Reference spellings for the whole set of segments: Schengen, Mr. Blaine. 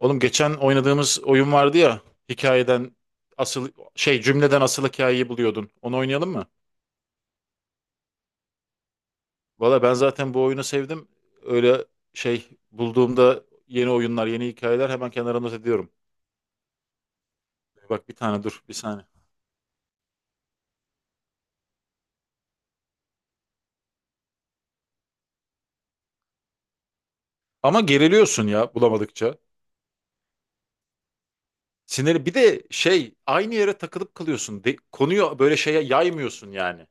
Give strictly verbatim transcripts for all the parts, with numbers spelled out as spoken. Oğlum geçen oynadığımız oyun vardı ya. Hikayeden asıl şey Cümleden asıl hikayeyi buluyordun. Onu oynayalım mı? Valla ben zaten bu oyunu sevdim. Öyle şey bulduğumda yeni oyunlar, yeni hikayeler hemen kenara not ediyorum. Bak bir tane dur, bir saniye. Ama geriliyorsun ya bulamadıkça. Sinirli. Bir de şey aynı yere takılıp kalıyorsun. De- konuyu böyle şeye yaymıyorsun yani.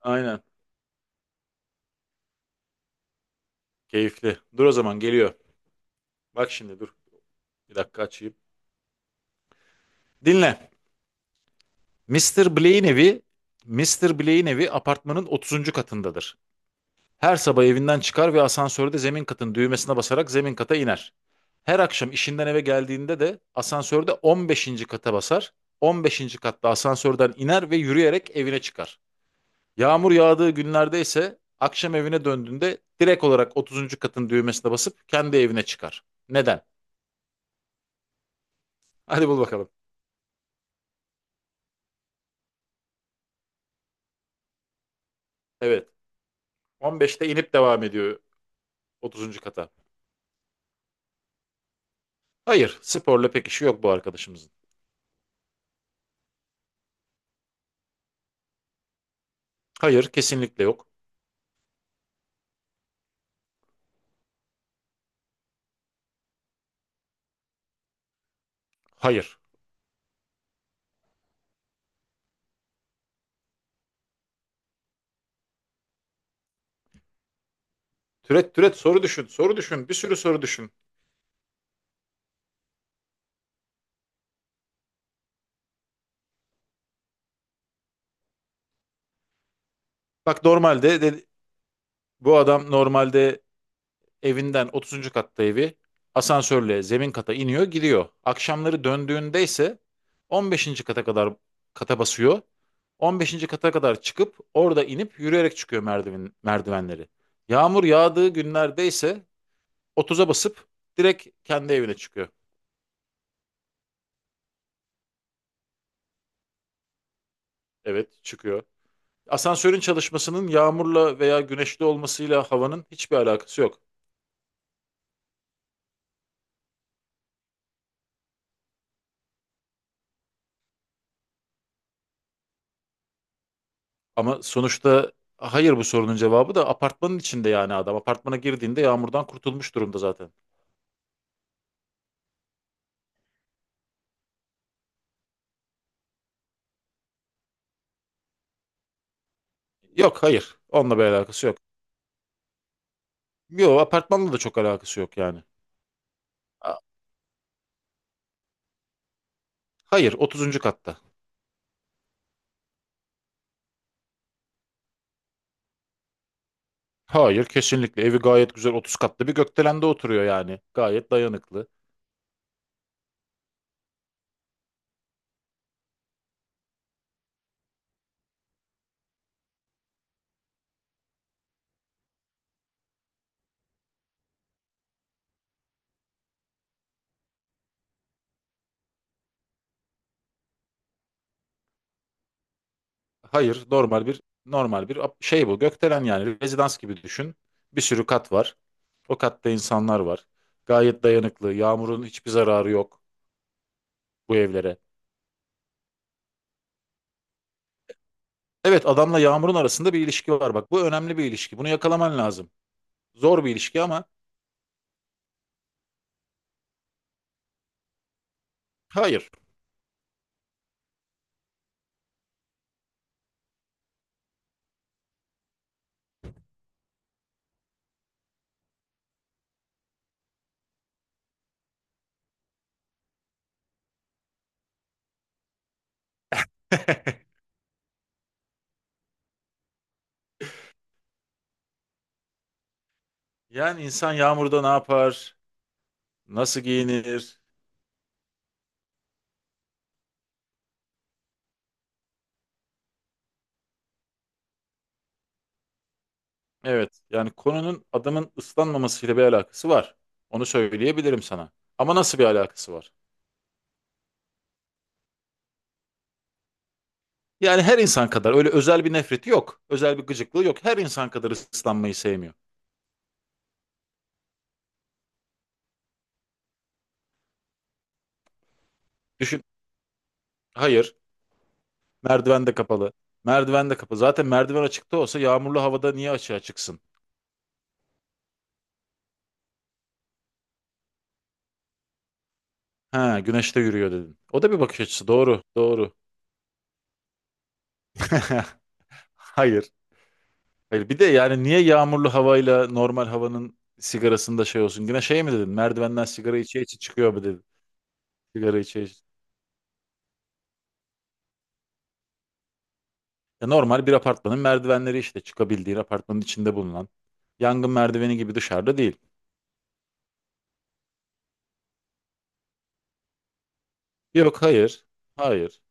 Aynen. Keyifli. Dur o zaman geliyor. Bak şimdi dur. Bir dakika açayım. Dinle. mister Blaine evi, mister Blaine evi apartmanın otuzuncu katındadır. Her sabah evinden çıkar ve asansörde zemin katın düğmesine basarak zemin kata iner. Her akşam işinden eve geldiğinde de asansörde on beşinci kata basar. on beşinci katta asansörden iner ve yürüyerek evine çıkar. Yağmur yağdığı günlerde ise akşam evine döndüğünde direkt olarak otuzuncu katın düğmesine basıp kendi evine çıkar. Neden? Hadi bul bakalım. Evet. on beşte inip devam ediyor otuzuncu kata. Hayır, sporla pek işi yok bu arkadaşımızın. Hayır, kesinlikle yok. Hayır. Türet türet soru düşün, soru düşün, bir sürü soru düşün. Bak normalde de- bu adam normalde evinden otuzuncu katta evi asansörle zemin kata iniyor, gidiyor. Akşamları döndüğünde ise on beşinci kata kadar kata basıyor. on beşinci kata kadar çıkıp orada inip yürüyerek çıkıyor merdiven merdivenleri. Yağmur yağdığı günlerde ise otuza basıp direkt kendi evine çıkıyor. Evet, çıkıyor. Asansörün çalışmasının yağmurla veya güneşli olmasıyla havanın hiçbir alakası yok. Ama sonuçta hayır, bu sorunun cevabı da apartmanın içinde, yani adam. Apartmana girdiğinde yağmurdan kurtulmuş durumda zaten. Yok hayır. Onunla bir alakası yok. Yok, apartmanla da çok alakası yok yani. A- Hayır, otuzuncu katta. Hayır, kesinlikle evi gayet güzel, otuz katlı bir gökdelende oturuyor yani. Gayet dayanıklı. Hayır, normal bir normal bir ap- şey bu gökdelen yani, rezidans gibi düşün. Bir sürü kat var. O katta insanlar var. Gayet dayanıklı. Yağmurun hiçbir zararı yok bu evlere. Evet, adamla Yağmur'un arasında bir ilişki var. Bak bu önemli bir ilişki. Bunu yakalaman lazım. Zor bir ilişki ama hayır. Yani insan Yağmur'da ne yapar? Nasıl giyinir? Evet, yani konunun adamın ıslanmamasıyla bir alakası var. Onu söyleyebilirim sana. Ama nasıl bir alakası var? Yani her insan kadar, öyle özel bir nefreti yok. Özel bir gıcıklığı yok. Her insan kadar ıslanmayı sevmiyor. Düşün. Hayır. Merdiven de kapalı. Merdiven de kapalı. Zaten merdiven açıkta olsa yağmurlu havada niye açığa çıksın? Ha, güneşte yürüyor dedin. O da bir bakış açısı. Doğru, doğru. Hayır. Hayır. Bir de yani niye yağmurlu havayla normal havanın sigarasında şey olsun? Yine şey mi dedin? Merdivenden sigara içe içe çıkıyor mu dedin? Sigara içe içe. Ya normal bir apartmanın merdivenleri işte, çıkabildiğin apartmanın içinde bulunan. Yangın merdiveni gibi dışarıda değil. Yok hayır. Hayır.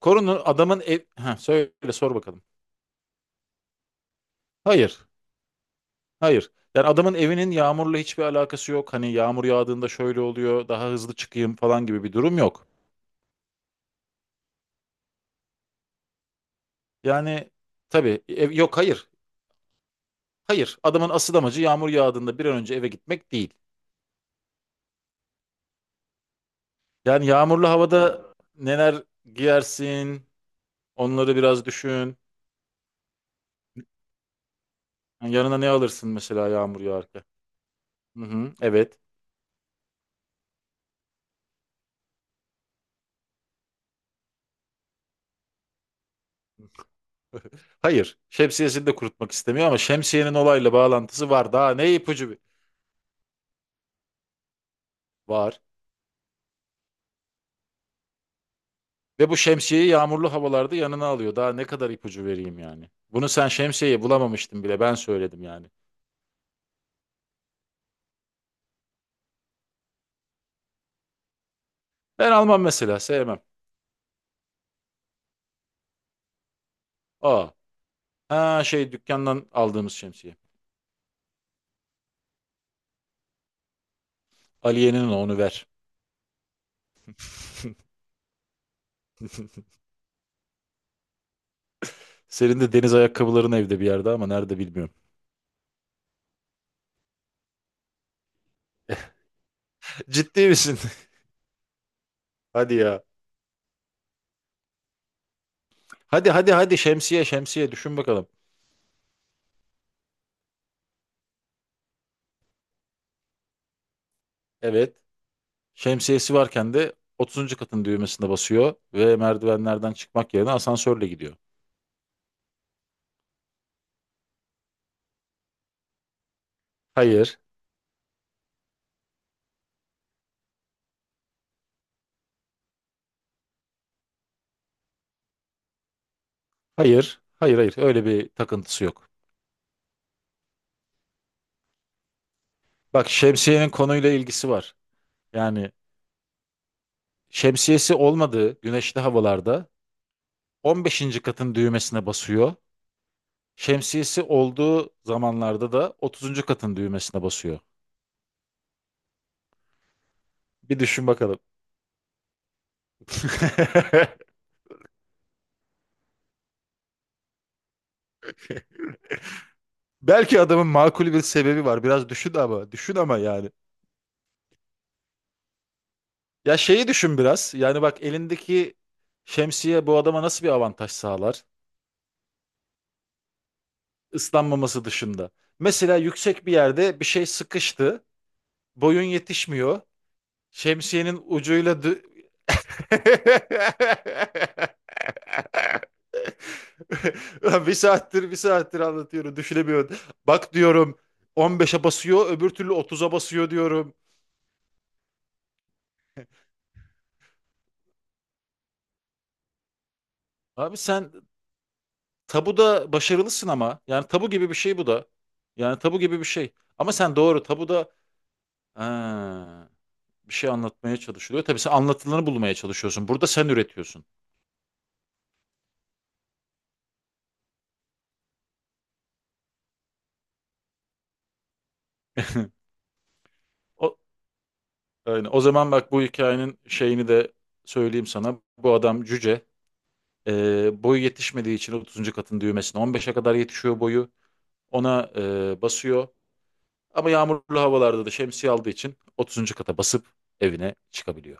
Korunun adamın ev... Ha, söyle sor bakalım. Hayır. Hayır. Yani adamın evinin yağmurla hiçbir alakası yok. Hani yağmur yağdığında şöyle oluyor, daha hızlı çıkayım falan gibi bir durum yok. Yani tabii ev, yok hayır. Hayır. Adamın asıl amacı yağmur yağdığında bir an önce eve gitmek değil. Yani yağmurlu havada neler giyersin? Onları biraz düşün. Yani yanına ne alırsın mesela yağmur yağarken? Hı hı, evet. Hayır. Şemsiyesini de kurutmak istemiyor ama şemsiyenin olayla bağlantısı var. Daha ne ipucu bir... Var. Ve bu şemsiyeyi yağmurlu havalarda yanına alıyor. Daha ne kadar ipucu vereyim yani. Bunu sen şemsiyeyi bulamamıştın bile. Ben söyledim yani. Ben almam mesela. Sevmem. Aa. Ha, şey dükkandan aldığımız şemsiye. Aliye'nin o, onu ver. Senin de deniz ayakkabıların evde bir yerde ama nerede bilmiyorum. Ciddi misin? Hadi ya. Hadi hadi hadi, şemsiye şemsiye düşün bakalım. Evet. Şemsiyesi varken de otuzuncu katın düğmesine basıyor ve merdivenlerden çıkmak yerine asansörle gidiyor. Hayır. Hayır, hayır, hayır. Öyle bir takıntısı yok. Bak, şemsiyenin konuyla ilgisi var. Yani şemsiyesi olmadığı güneşli havalarda on beşinci katın düğmesine basıyor. Şemsiyesi olduğu zamanlarda da otuzuncu katın düğmesine basıyor. Bir düşün bakalım. Belki adamın makul bir sebebi var. Biraz düşün ama, düşün ama yani. Ya şeyi düşün biraz. Yani bak, elindeki şemsiye bu adama nasıl bir avantaj sağlar? Islanmaması dışında. Mesela yüksek bir yerde bir şey sıkıştı. Boyun yetişmiyor. Şemsiyenin ucuyla dü- Ulan bir saattir bir saattir anlatıyorum, düşünemiyorum. Bak diyorum on beşe basıyor, öbür türlü otuza basıyor diyorum. Abi sen tabuda başarılısın ama yani tabu gibi bir şey bu da. Yani tabu gibi bir şey. Ama sen doğru tabuda, ha, bir şey anlatmaya çalışılıyor. Tabii sen anlatılanı bulmaya çalışıyorsun. Burada sen üretiyorsun. O, aynen. O zaman bak, bu hikayenin şeyini de söyleyeyim sana. Bu adam cüce. Ee, boyu yetişmediği için otuzuncu katın düğmesine on beşe kadar yetişiyor boyu. Ona e, basıyor. Ama yağmurlu havalarda da şemsiye aldığı için otuzuncu kata basıp evine çıkabiliyor.